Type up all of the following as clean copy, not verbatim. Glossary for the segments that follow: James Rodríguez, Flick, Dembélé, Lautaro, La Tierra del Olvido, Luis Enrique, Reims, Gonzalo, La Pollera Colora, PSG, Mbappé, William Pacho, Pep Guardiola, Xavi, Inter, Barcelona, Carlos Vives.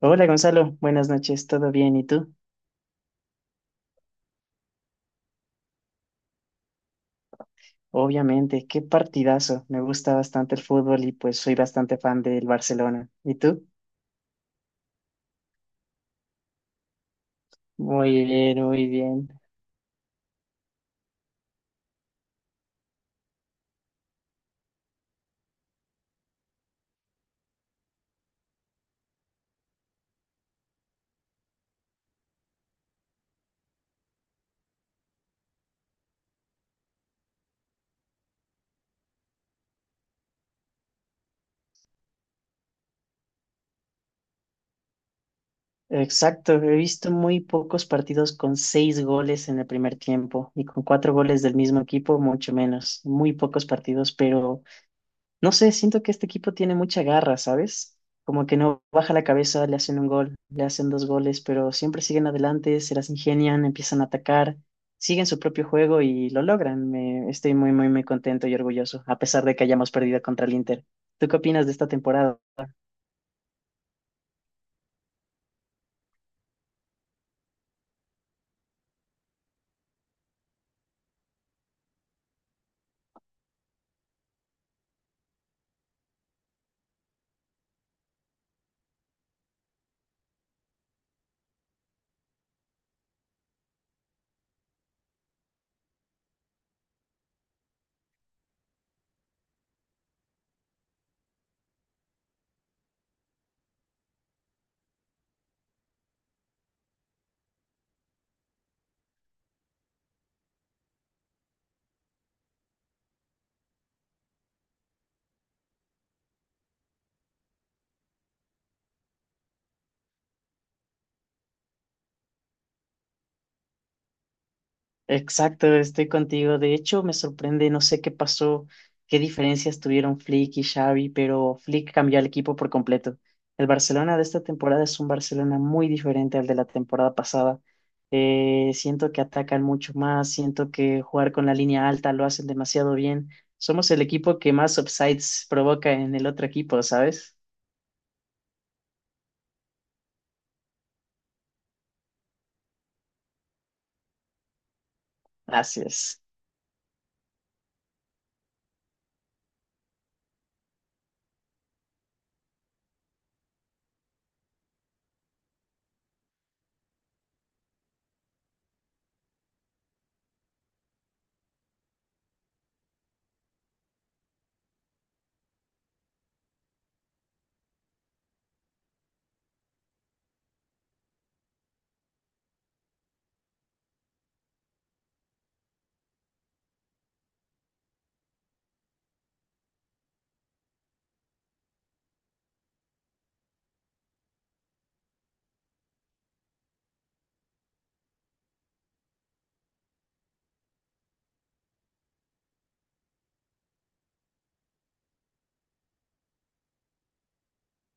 Hola Gonzalo, buenas noches, ¿todo bien? ¿Y tú? Obviamente, qué partidazo. Me gusta bastante el fútbol y pues soy bastante fan del Barcelona. ¿Y tú? Muy bien, muy bien. Exacto, he visto muy pocos partidos con seis goles en el primer tiempo y con cuatro goles del mismo equipo, mucho menos. Muy pocos partidos, pero no sé, siento que este equipo tiene mucha garra, ¿sabes? Como que no baja la cabeza, le hacen un gol, le hacen dos goles, pero siempre siguen adelante, se las ingenian, empiezan a atacar, siguen su propio juego y lo logran. Estoy muy, muy, muy contento y orgulloso, a pesar de que hayamos perdido contra el Inter. ¿Tú qué opinas de esta temporada? Exacto, estoy contigo. De hecho, me sorprende, no sé qué pasó, qué diferencias tuvieron Flick y Xavi, pero Flick cambió al equipo por completo. El Barcelona de esta temporada es un Barcelona muy diferente al de la temporada pasada. Siento que atacan mucho más, siento que jugar con la línea alta lo hacen demasiado bien. Somos el equipo que más offsides provoca en el otro equipo, ¿sabes? Gracias.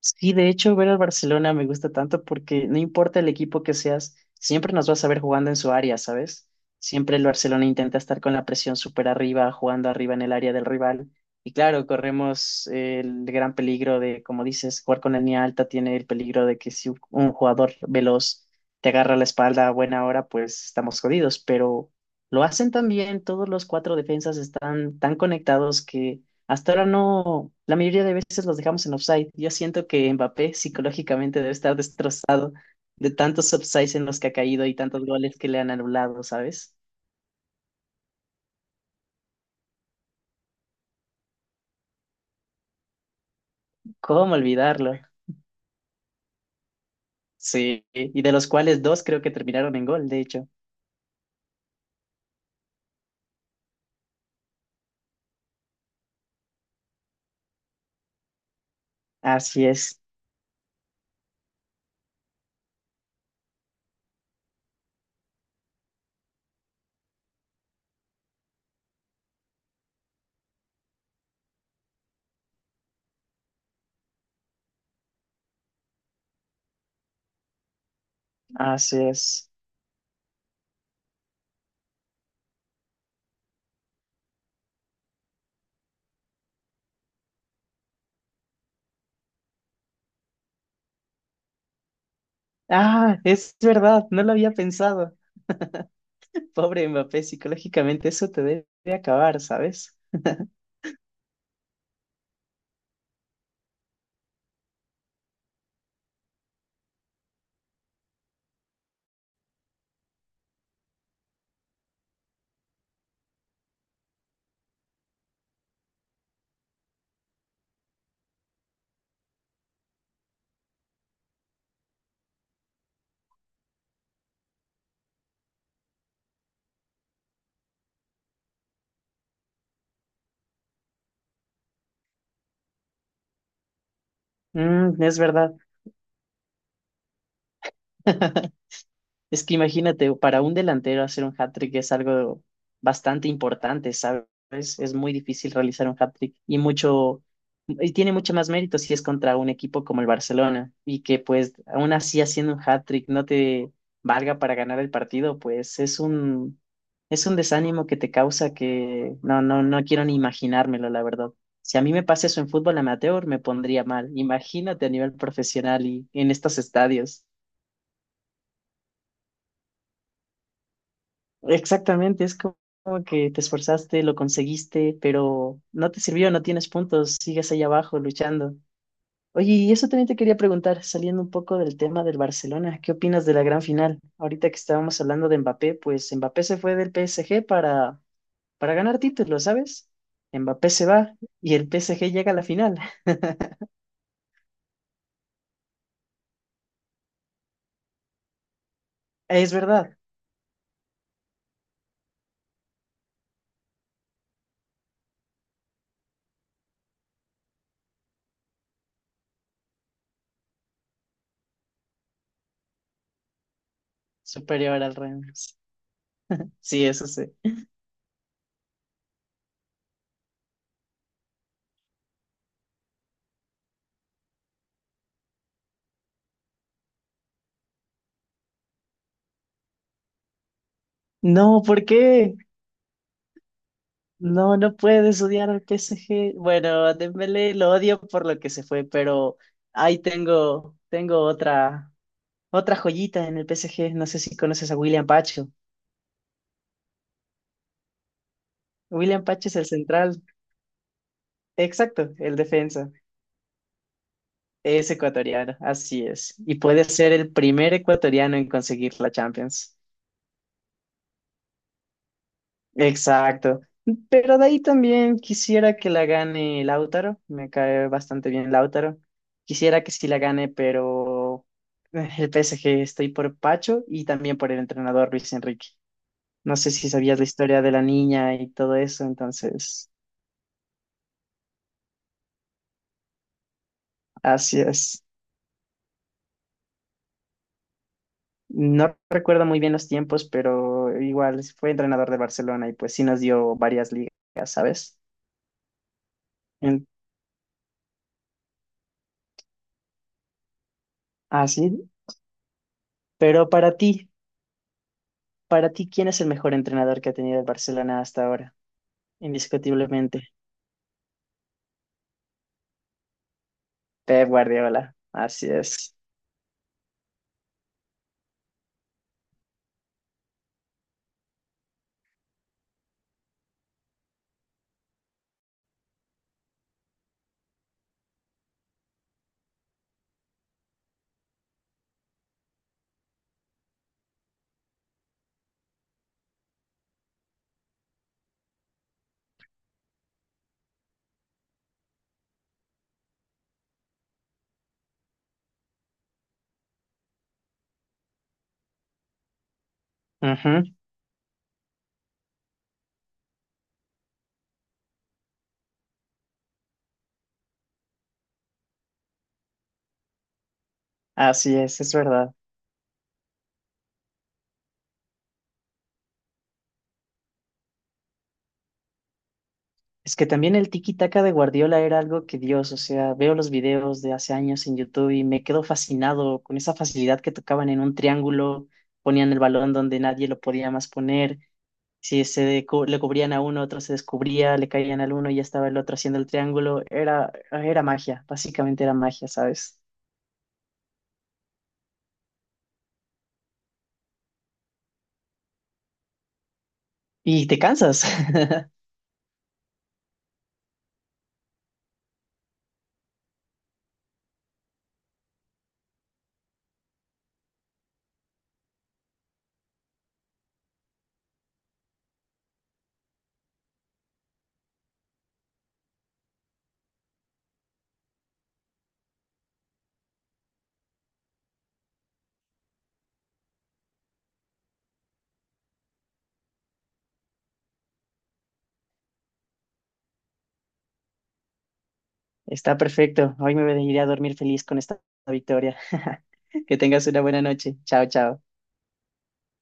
Sí, de hecho, ver al Barcelona me gusta tanto porque no importa el equipo que seas, siempre nos vas a ver jugando en su área, ¿sabes? Siempre el Barcelona intenta estar con la presión súper arriba, jugando arriba en el área del rival. Y claro, corremos el gran peligro de, como dices, jugar con línea alta tiene el peligro de que si un jugador veloz te agarra la espalda a buena hora, pues estamos jodidos. Pero lo hacen tan bien, todos los cuatro defensas están tan conectados que hasta ahora no, la mayoría de veces los dejamos en offside. Yo siento que Mbappé psicológicamente debe estar destrozado de tantos offsides en los que ha caído y tantos goles que le han anulado, ¿sabes? ¿Cómo olvidarlo? Sí, y de los cuales dos creo que terminaron en gol, de hecho. Así es, así es. Ah, es verdad, no lo había pensado. Pobre Mbappé, psicológicamente eso te debe acabar, ¿sabes? Mm, es verdad. Es que imagínate, para un delantero hacer un hat-trick es algo bastante importante, ¿sabes? Es muy difícil realizar un hat-trick y mucho, y tiene mucho más mérito si es contra un equipo como el Barcelona y que pues aún así haciendo un hat-trick no te valga para ganar el partido, pues es un desánimo que te causa que no, no, no quiero ni imaginármelo, la verdad. Si a mí me pasa eso en fútbol amateur, me pondría mal. Imagínate a nivel profesional y en estos estadios. Exactamente, es como que te esforzaste, lo conseguiste, pero no te sirvió, no tienes puntos, sigues ahí abajo luchando. Oye, y eso también te quería preguntar, saliendo un poco del tema del Barcelona, ¿qué opinas de la gran final? Ahorita que estábamos hablando de Mbappé, pues Mbappé se fue del PSG para ganar títulos, ¿sabes? Mbappé se va y el PSG llega a la final. Es verdad, superior al Reims. Sí, eso sí. No, ¿por qué? No, no puedes odiar al PSG. Bueno, a Dembélé lo odio por lo que se fue, pero ahí tengo otra, otra joyita en el PSG. No sé si conoces a William Pacho. William Pacho es el central, exacto, el defensa. Es ecuatoriano, así es. Y puede ser el primer ecuatoriano en conseguir la Champions. Exacto. Pero de ahí también quisiera que la gane Lautaro. Me cae bastante bien Lautaro. Quisiera que sí la gane, pero el PSG estoy por Pacho y también por el entrenador Luis Enrique. No sé si sabías la historia de la niña y todo eso, entonces así es. No recuerdo muy bien los tiempos, pero igual fue entrenador de Barcelona y pues sí nos dio varias ligas, ¿sabes? En- Así. Pero para ti. Para ti, ¿quién es el mejor entrenador que ha tenido el Barcelona hasta ahora? Indiscutiblemente, Pep Guardiola. Así es. Ujú. Así es verdad. Es que también el tiki-taka de Guardiola era algo que Dios, o sea, veo los videos de hace años en YouTube y me quedo fascinado con esa facilidad que tocaban en un triángulo, ponían el balón donde nadie lo podía más poner. Si se decu- Le cubrían a uno, otro se descubría, le caían al uno y ya estaba el otro haciendo el triángulo. Era, era magia, básicamente era magia, ¿sabes? Y te cansas. Está perfecto. Hoy me iré a dormir feliz con esta victoria. Que tengas una buena noche. Chao, chao.